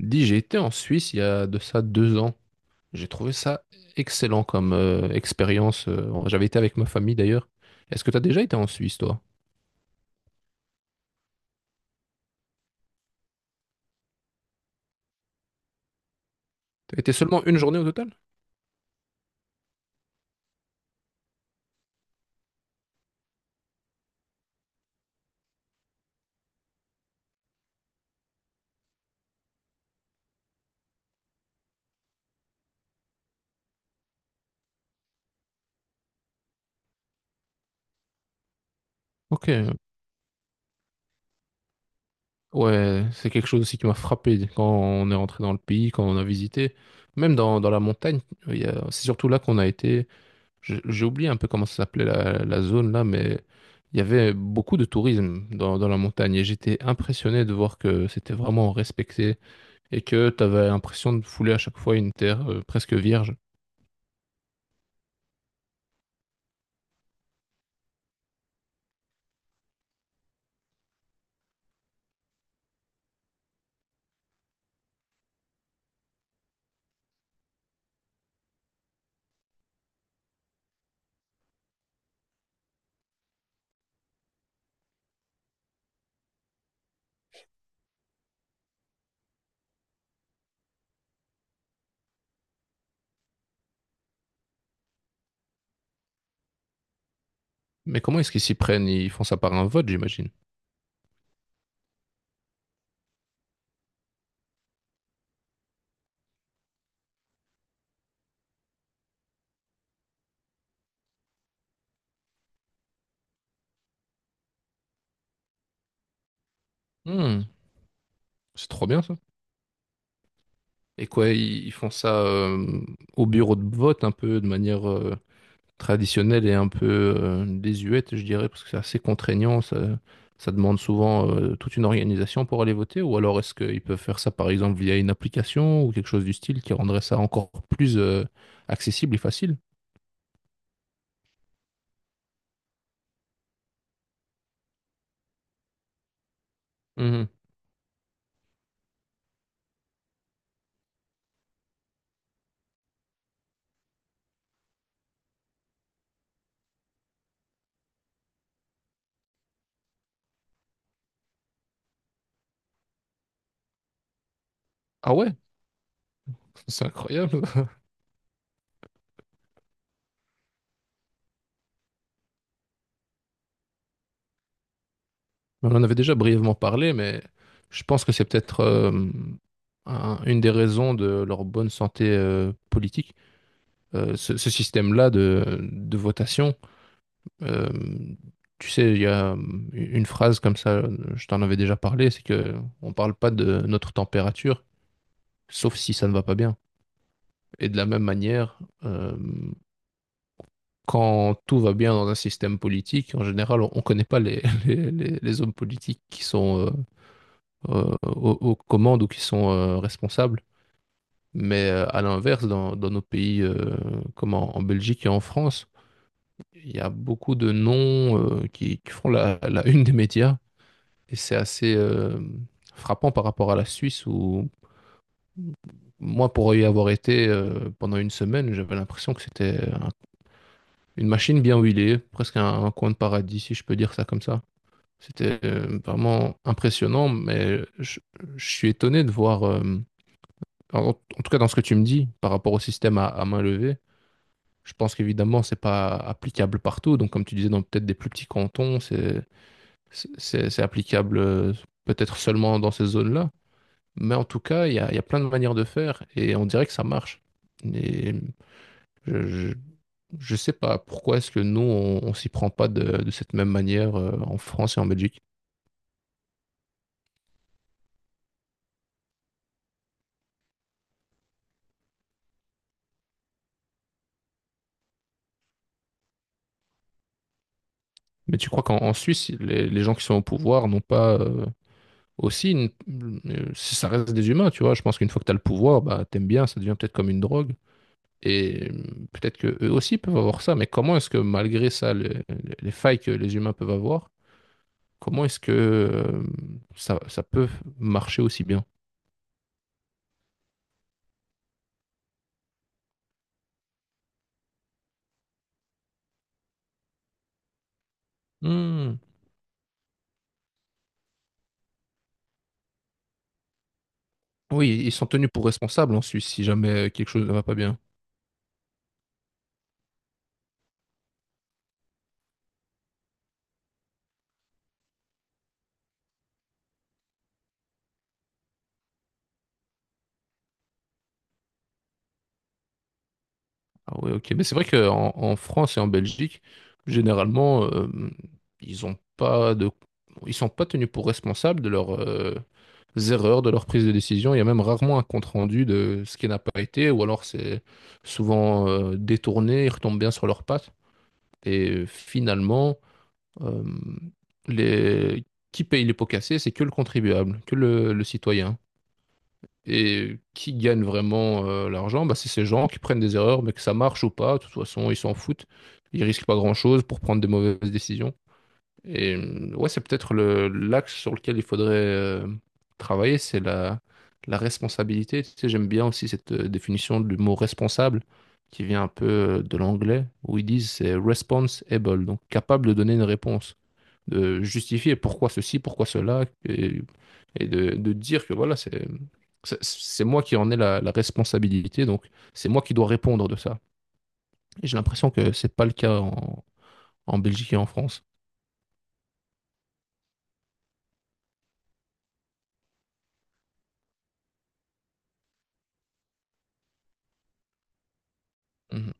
Dis, j'ai été en Suisse il y a de ça 2 ans. J'ai trouvé ça excellent comme expérience. J'avais été avec ma famille d'ailleurs. Est-ce que t'as déjà été en Suisse, toi? T'as été seulement une journée au total? Ok. Ouais, c'est quelque chose aussi qui m'a frappé quand on est rentré dans le pays, quand on a visité. Même dans la montagne, c'est surtout là qu'on a été. J'ai oublié un peu comment ça s'appelait la zone là, mais il y avait beaucoup de tourisme dans la montagne et j'étais impressionné de voir que c'était vraiment respecté. Et que tu avais l'impression de fouler à chaque fois une terre presque vierge. Mais comment est-ce qu'ils s'y prennent? Ils font ça par un vote, j'imagine. Hmm, c'est trop bien ça. Et quoi, ils font ça au bureau de vote un peu de manière traditionnelle et un peu désuète, je dirais, parce que c'est assez contraignant. Ça demande souvent toute une organisation pour aller voter. Ou alors est-ce qu'ils peuvent faire ça par exemple via une application ou quelque chose du style qui rendrait ça encore plus accessible et facile? Mhm. Ah ouais, c'est incroyable. On en avait déjà brièvement parlé, mais je pense que c'est peut-être une des raisons de leur bonne santé politique. Ce système-là de votation, euh, tu sais, il y a une phrase comme ça, je t'en avais déjà parlé, c'est que on parle pas de notre température, sauf si ça ne va pas bien. Et de la même manière, quand tout va bien dans un système politique, en général, on ne connaît pas les hommes politiques qui sont aux commandes ou qui sont responsables. Mais à l'inverse, dans nos pays comme en Belgique et en France, il y a beaucoup de noms qui font la une des médias. Et c'est assez frappant par rapport à la Suisse où moi, pour y avoir été pendant une semaine, j'avais l'impression que c'était une machine bien huilée, presque un coin de paradis, si je peux dire ça comme ça. C'était vraiment impressionnant, mais je suis étonné de voir en tout cas dans ce que tu me dis par rapport au système à main levée, je pense qu'évidemment c'est pas applicable partout. Donc comme tu disais dans peut-être des plus petits cantons, c'est applicable peut-être seulement dans ces zones-là. Mais en tout cas, il y a plein de manières de faire et on dirait que ça marche. Et je, je, je sais pas pourquoi est-ce que nous on s'y prend pas de cette même manière en France et en Belgique. Mais tu crois qu'en en Suisse, les gens qui sont au pouvoir n'ont pas aussi, ça reste des humains, tu vois. Je pense qu'une fois que tu as le pouvoir, bah, t'aimes bien, ça devient peut-être comme une drogue. Et peut-être que eux aussi peuvent avoir ça, mais comment est-ce que malgré ça, les failles que les humains peuvent avoir, comment est-ce que ça, ça peut marcher aussi bien? Hmm. Oui, ils sont tenus pour responsables en Suisse si jamais quelque chose ne va pas bien. Ah oui, ok. Mais c'est vrai qu'en en en France et en Belgique, généralement, ils ont pas de, ils sont pas tenus pour responsables de leur erreurs de leur prise de décision. Il y a même rarement un compte-rendu de ce qui n'a pas été, ou alors c'est souvent détourné, ils retombent bien sur leurs pattes. Et finalement, euh, les... qui paye les pots cassés, c'est que le contribuable, que le citoyen. Et qui gagne vraiment l'argent, bah, c'est ces gens qui prennent des erreurs, mais que ça marche ou pas, de toute façon, ils s'en foutent. Ils risquent pas grand-chose pour prendre des mauvaises décisions. Et ouais, c'est peut-être le l'axe sur lequel il faudrait travailler, c'est la responsabilité. Tu sais, j'aime bien aussi cette définition du mot responsable qui vient un peu de l'anglais, où ils disent c'est responsible, donc capable de donner une réponse, de justifier pourquoi ceci, pourquoi cela, et de dire que voilà, c'est moi qui en ai la responsabilité, donc c'est moi qui dois répondre de ça. Et j'ai l'impression que c'est pas le cas en Belgique et en France. Mhm.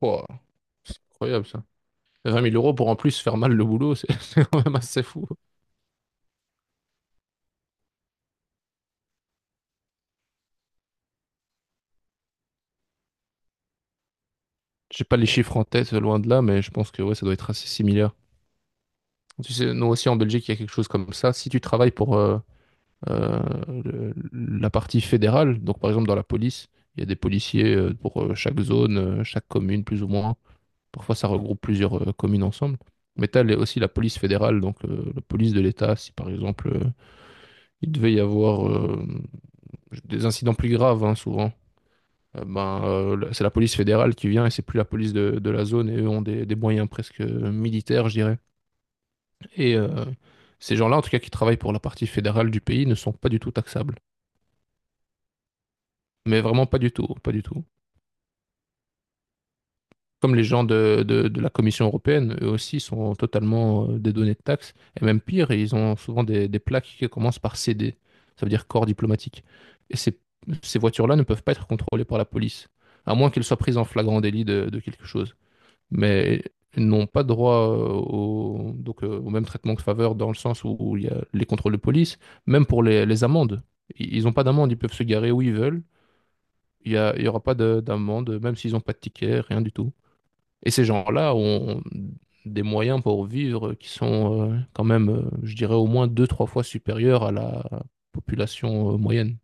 Ouah, c'est incroyable ça. 20 000 euros pour en plus faire mal le boulot, c'est c'est quand même assez fou. J'ai pas les chiffres en tête, loin de là, mais je pense que ouais, ça doit être assez similaire. Tu sais, nous aussi en Belgique, il y a quelque chose comme ça. Si tu travailles pour euh, la partie fédérale, donc par exemple dans la police, il y a des policiers pour chaque zone, chaque commune plus ou moins. Parfois, ça regroupe plusieurs communes ensemble. Mais tu as aussi la police fédérale, donc la police de l'État. Si par exemple, il devait y avoir des incidents plus graves, hein, souvent. Ben, c'est la police fédérale qui vient et c'est plus la police de la zone et eux ont des moyens presque militaires, je dirais. Et ces gens-là, en tout cas, qui travaillent pour la partie fédérale du pays, ne sont pas du tout taxables. Mais vraiment pas du tout, pas du tout. Comme les gens de la Commission européenne, eux aussi sont totalement dédonnés de taxes. Et même pire, ils ont souvent des plaques qui commencent par CD. Ça veut dire corps diplomatique. Et ces voitures-là ne peuvent pas être contrôlées par la police, à moins qu'elles soient prises en flagrant délit de quelque chose. Mais n'ont pas droit au, donc, au même traitement que faveur dans le sens où, il y a les contrôles de police, même pour les amendes. Ils ont pas d'amende, ils peuvent se garer où ils veulent. Il y aura pas d'amende, même s'ils ont pas de ticket, rien du tout. Et ces gens-là ont des moyens pour vivre qui sont quand même, je dirais, au moins deux, trois fois supérieurs à la population moyenne.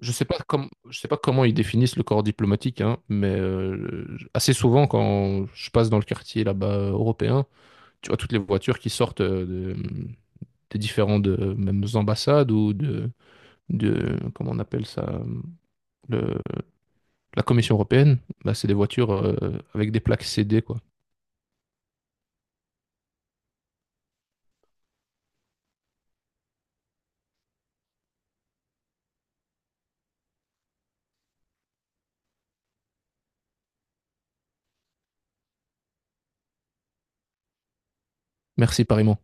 Je sais pas comment ils définissent le corps diplomatique, hein, mais assez souvent quand je passe dans le quartier là-bas européen, tu vois toutes les voitures qui sortent des différentes mêmes ambassades ou de comment on appelle ça, le- la Commission européenne, bah, c'est des voitures avec des plaques CD quoi. Merci pareillement.